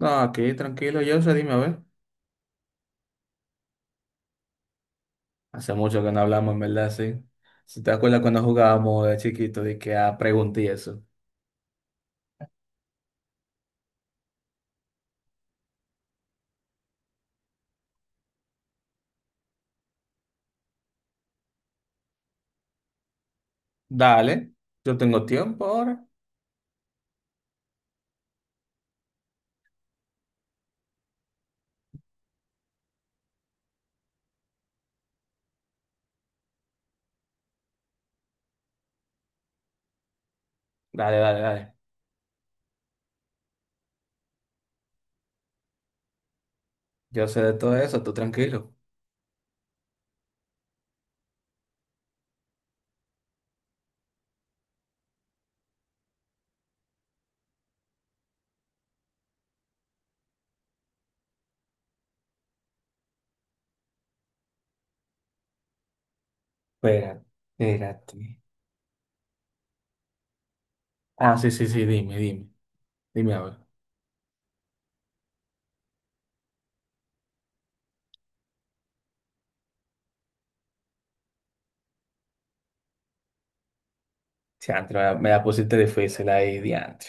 No, aquí tranquilo, yo, o sea, dime a ver. Hace mucho que no hablamos, en verdad, sí. Si te acuerdas cuando jugábamos de chiquito, de que a pregunta eso. Dale, yo tengo tiempo ahora. Dale, dale, dale. Yo sé de todo eso, tú tranquilo. Espera, espérate. Ah, sí, sí, sí, dime, dime. Dime a ver. Diantre, me la pusiste difícil ahí, diantre.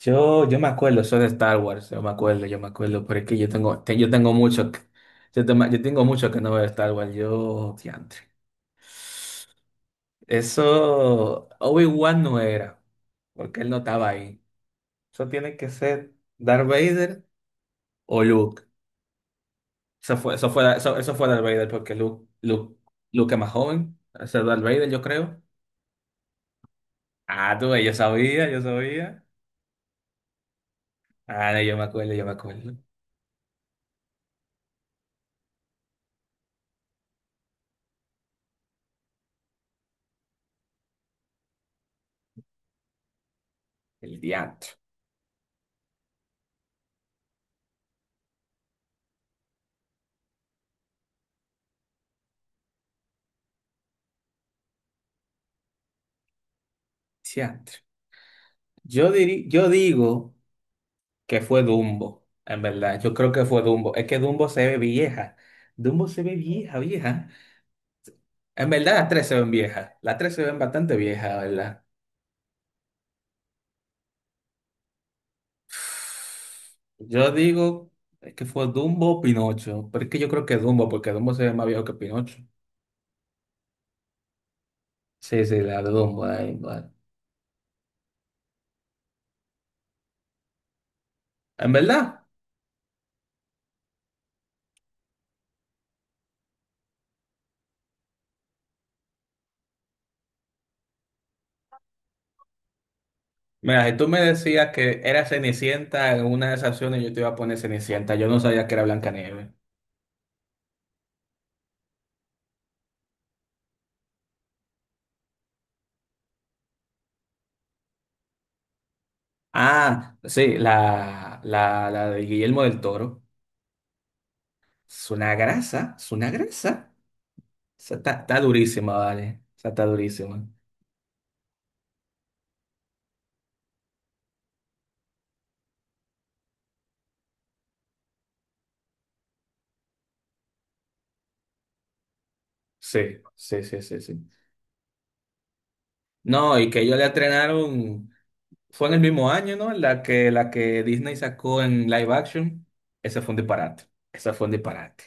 Yo me acuerdo, soy de Star Wars, yo me acuerdo, pero es que yo tengo, yo tengo mucho, yo, yo tengo mucho que no veo Star Wars, yo, diantre. Eso Obi-Wan no era, porque él no estaba ahí. Eso tiene que ser Darth Vader o Luke. Eso fue, eso fue, eso fue Darth Vader, porque Luke, Luke, Luke es más joven. Ese es Darth Vader, yo creo. Ah, tú, ves, yo sabía, yo sabía. Ah, no, yo me acuerdo, yo me acuerdo. El diantro, diantro. Yo digo que fue Dumbo, en verdad. Yo creo que fue Dumbo. Es que Dumbo se ve vieja. Dumbo se ve vieja, vieja. En verdad, las tres se ven viejas. Las tres se ven bastante viejas, ¿verdad? Yo digo que fue Dumbo o Pinocho. Pero es que yo creo que Dumbo, porque Dumbo se ve más viejo que Pinocho. Sí, sí, la de Dumbo ahí, vale. En verdad, mira, si tú me decías que era Cenicienta en una de esas opciones, yo te iba a poner Cenicienta. Yo no sabía que era Blancanieves. Ah, sí, la de Guillermo del Toro. Es una grasa, es una grasa. O sea, está durísima, vale. O sea, está durísima. Sí, sí, sí, sí, sí. No, y que ellos la estrenaron, fue en el mismo año, ¿no? La que Disney sacó en live action, ese fue un disparate, ese fue un disparate.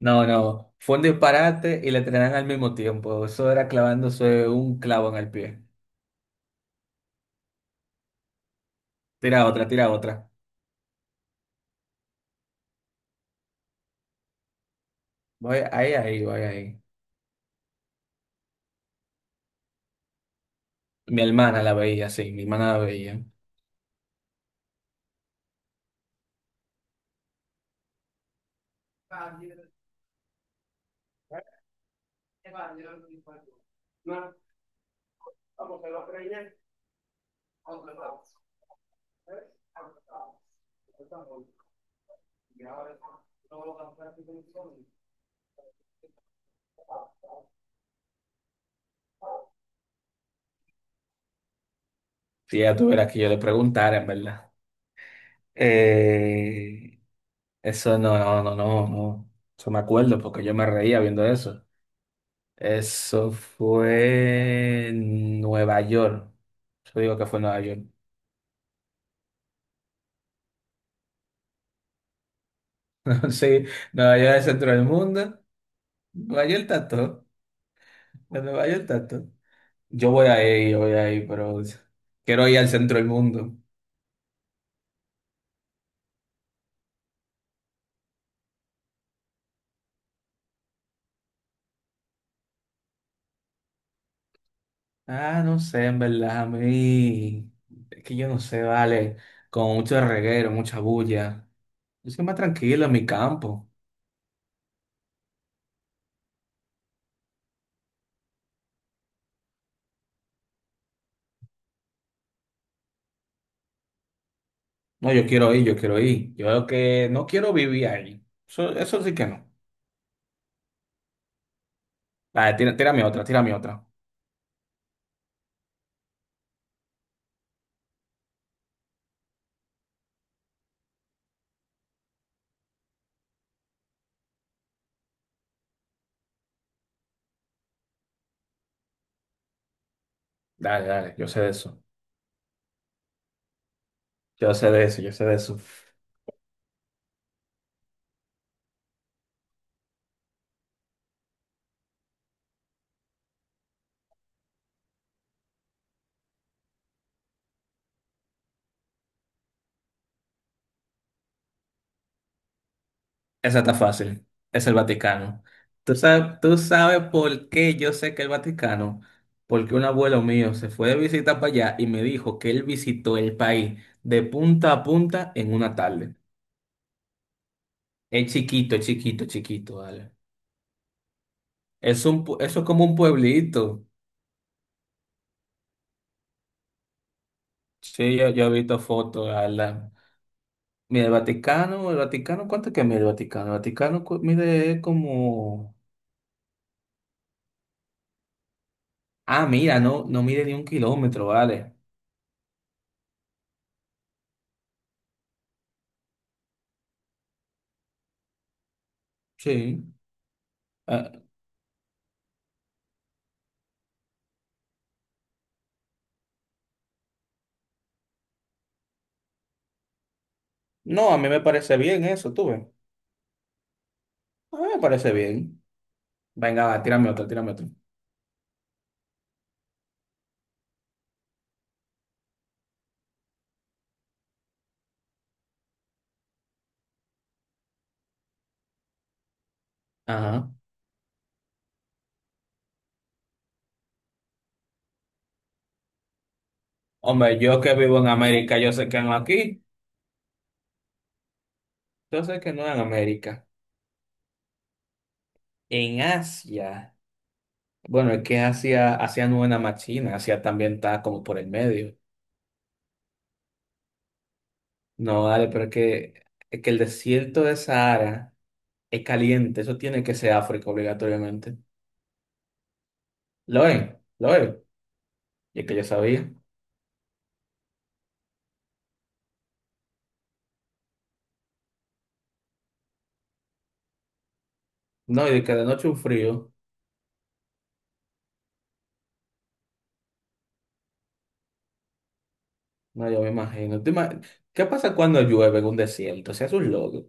No, no, fue un disparate y la estrenaron al mismo tiempo, eso era clavándose un clavo en el pie. Tira otra, tira otra. Voy ahí, ahí, voy ahí. Mi hermana la veía, sí, mi hermana la veía. Si ella tuviera que yo le preguntara, en verdad. Eh, eso no, no, no, no, no. Eso me acuerdo porque yo me reía viendo eso. Eso fue en Nueva York. Yo digo que fue en Nueva York. Sí, Nueva York es el centro del mundo. Nueva York está todo. En Nueva York está todo. Yo voy ahí, pero quiero ir al centro del mundo. Ah, no sé, en verdad, a mí. Es que yo no sé, vale. Con mucho reguero, mucha bulla. Yo soy más tranquilo en mi campo. No, yo quiero ir, yo quiero ir. Yo creo que no quiero vivir ahí. Eso sí que no. Vale, tira, tírame otra, tírame otra. Dale, dale, yo sé de eso. Yo sé de eso, yo sé de eso. Esa está fácil. Es el Vaticano. Tú sabes por qué yo sé que el Vaticano? Porque un abuelo mío se fue de visita para allá y me dijo que él visitó el país de punta a punta en una tarde. Es chiquito, es chiquito, es chiquito, dale. Es un, eso es como un pueblito. Sí, yo he visto fotos, dale. Mira, el Vaticano, ¿cuánto que mide el Vaticano? El Vaticano mide como... Ah, mira, no, no mide ni un kilómetro, vale. Sí. Ah, no, a mí me parece bien eso, tú ves. A mí me parece bien. Venga, va, tírame otro, tírame otro. Ajá. Hombre, yo que vivo en América, yo sé que no aquí. Yo sé que no en América. En Asia. Bueno, es que Asia, Asia no es nada más China, Asia también está como por el medio. No, vale, es que el desierto de Sahara es caliente, eso tiene que ser África obligatoriamente. Lo es, lo es. Y es que yo sabía. No, y de cada noche un frío. No, yo me imagino. ¿Qué pasa cuando llueve en un desierto? Se hace un lodo.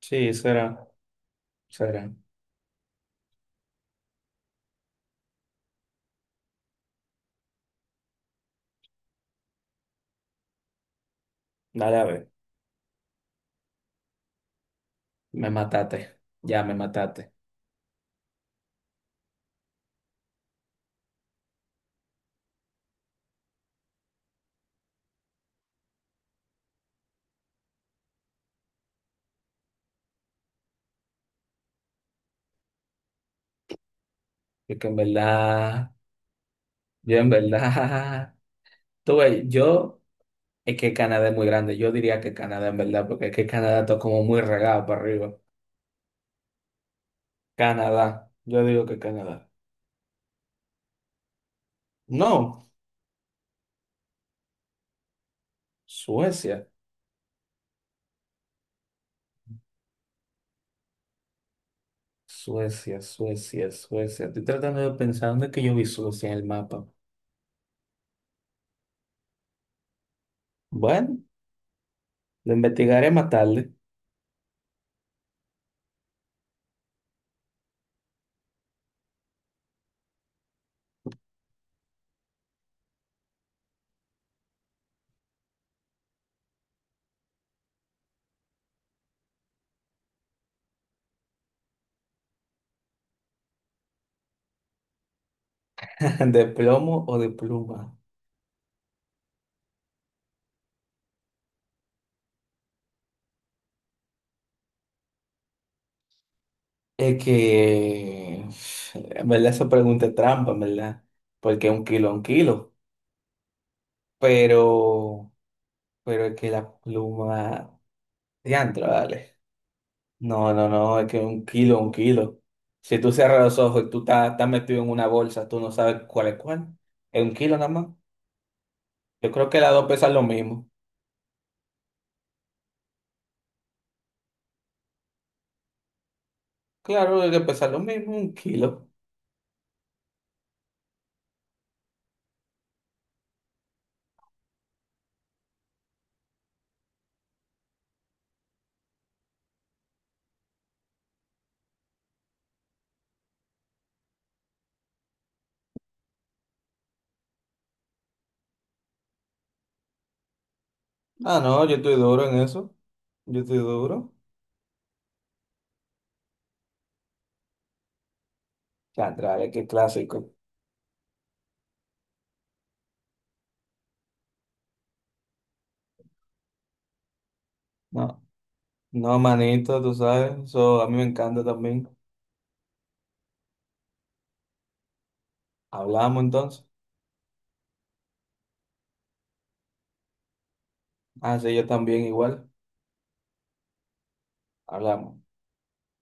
Sí, será, será. Dale a ver. Me mataste. Ya me mataste. Es que en verdad, yo en verdad. Tú ves, yo, es que Canadá es muy grande. Yo diría que Canadá en verdad, porque es que Canadá está como muy regado para arriba. Canadá. Yo digo que Canadá. No, Suecia. Suecia, Suecia, Suecia. Estoy tratando de pensar dónde es que yo vi Suecia en el mapa. Bueno. Lo investigaré más tarde. ¿De plomo o de pluma? Es que, en verdad, eso pregunta es trampa, en verdad. Porque un kilo es un kilo. Pero, pero es que la pluma. Diantro, vale. No, no, no, es que un kilo es un kilo. Si tú cierras los ojos y tú estás, estás metido en una bolsa, tú no sabes cuál. Es un kilo nada más. Yo creo que las dos pesan lo mismo. Claro, hay que pesar lo mismo, un kilo. Ah, no, yo estoy duro en eso. Yo estoy duro. Chantrales, qué clásico. No, no, manito, tú sabes. Eso a mí me encanta también. Hablamos entonces. Ah, sí, yo también igual. Hablamos.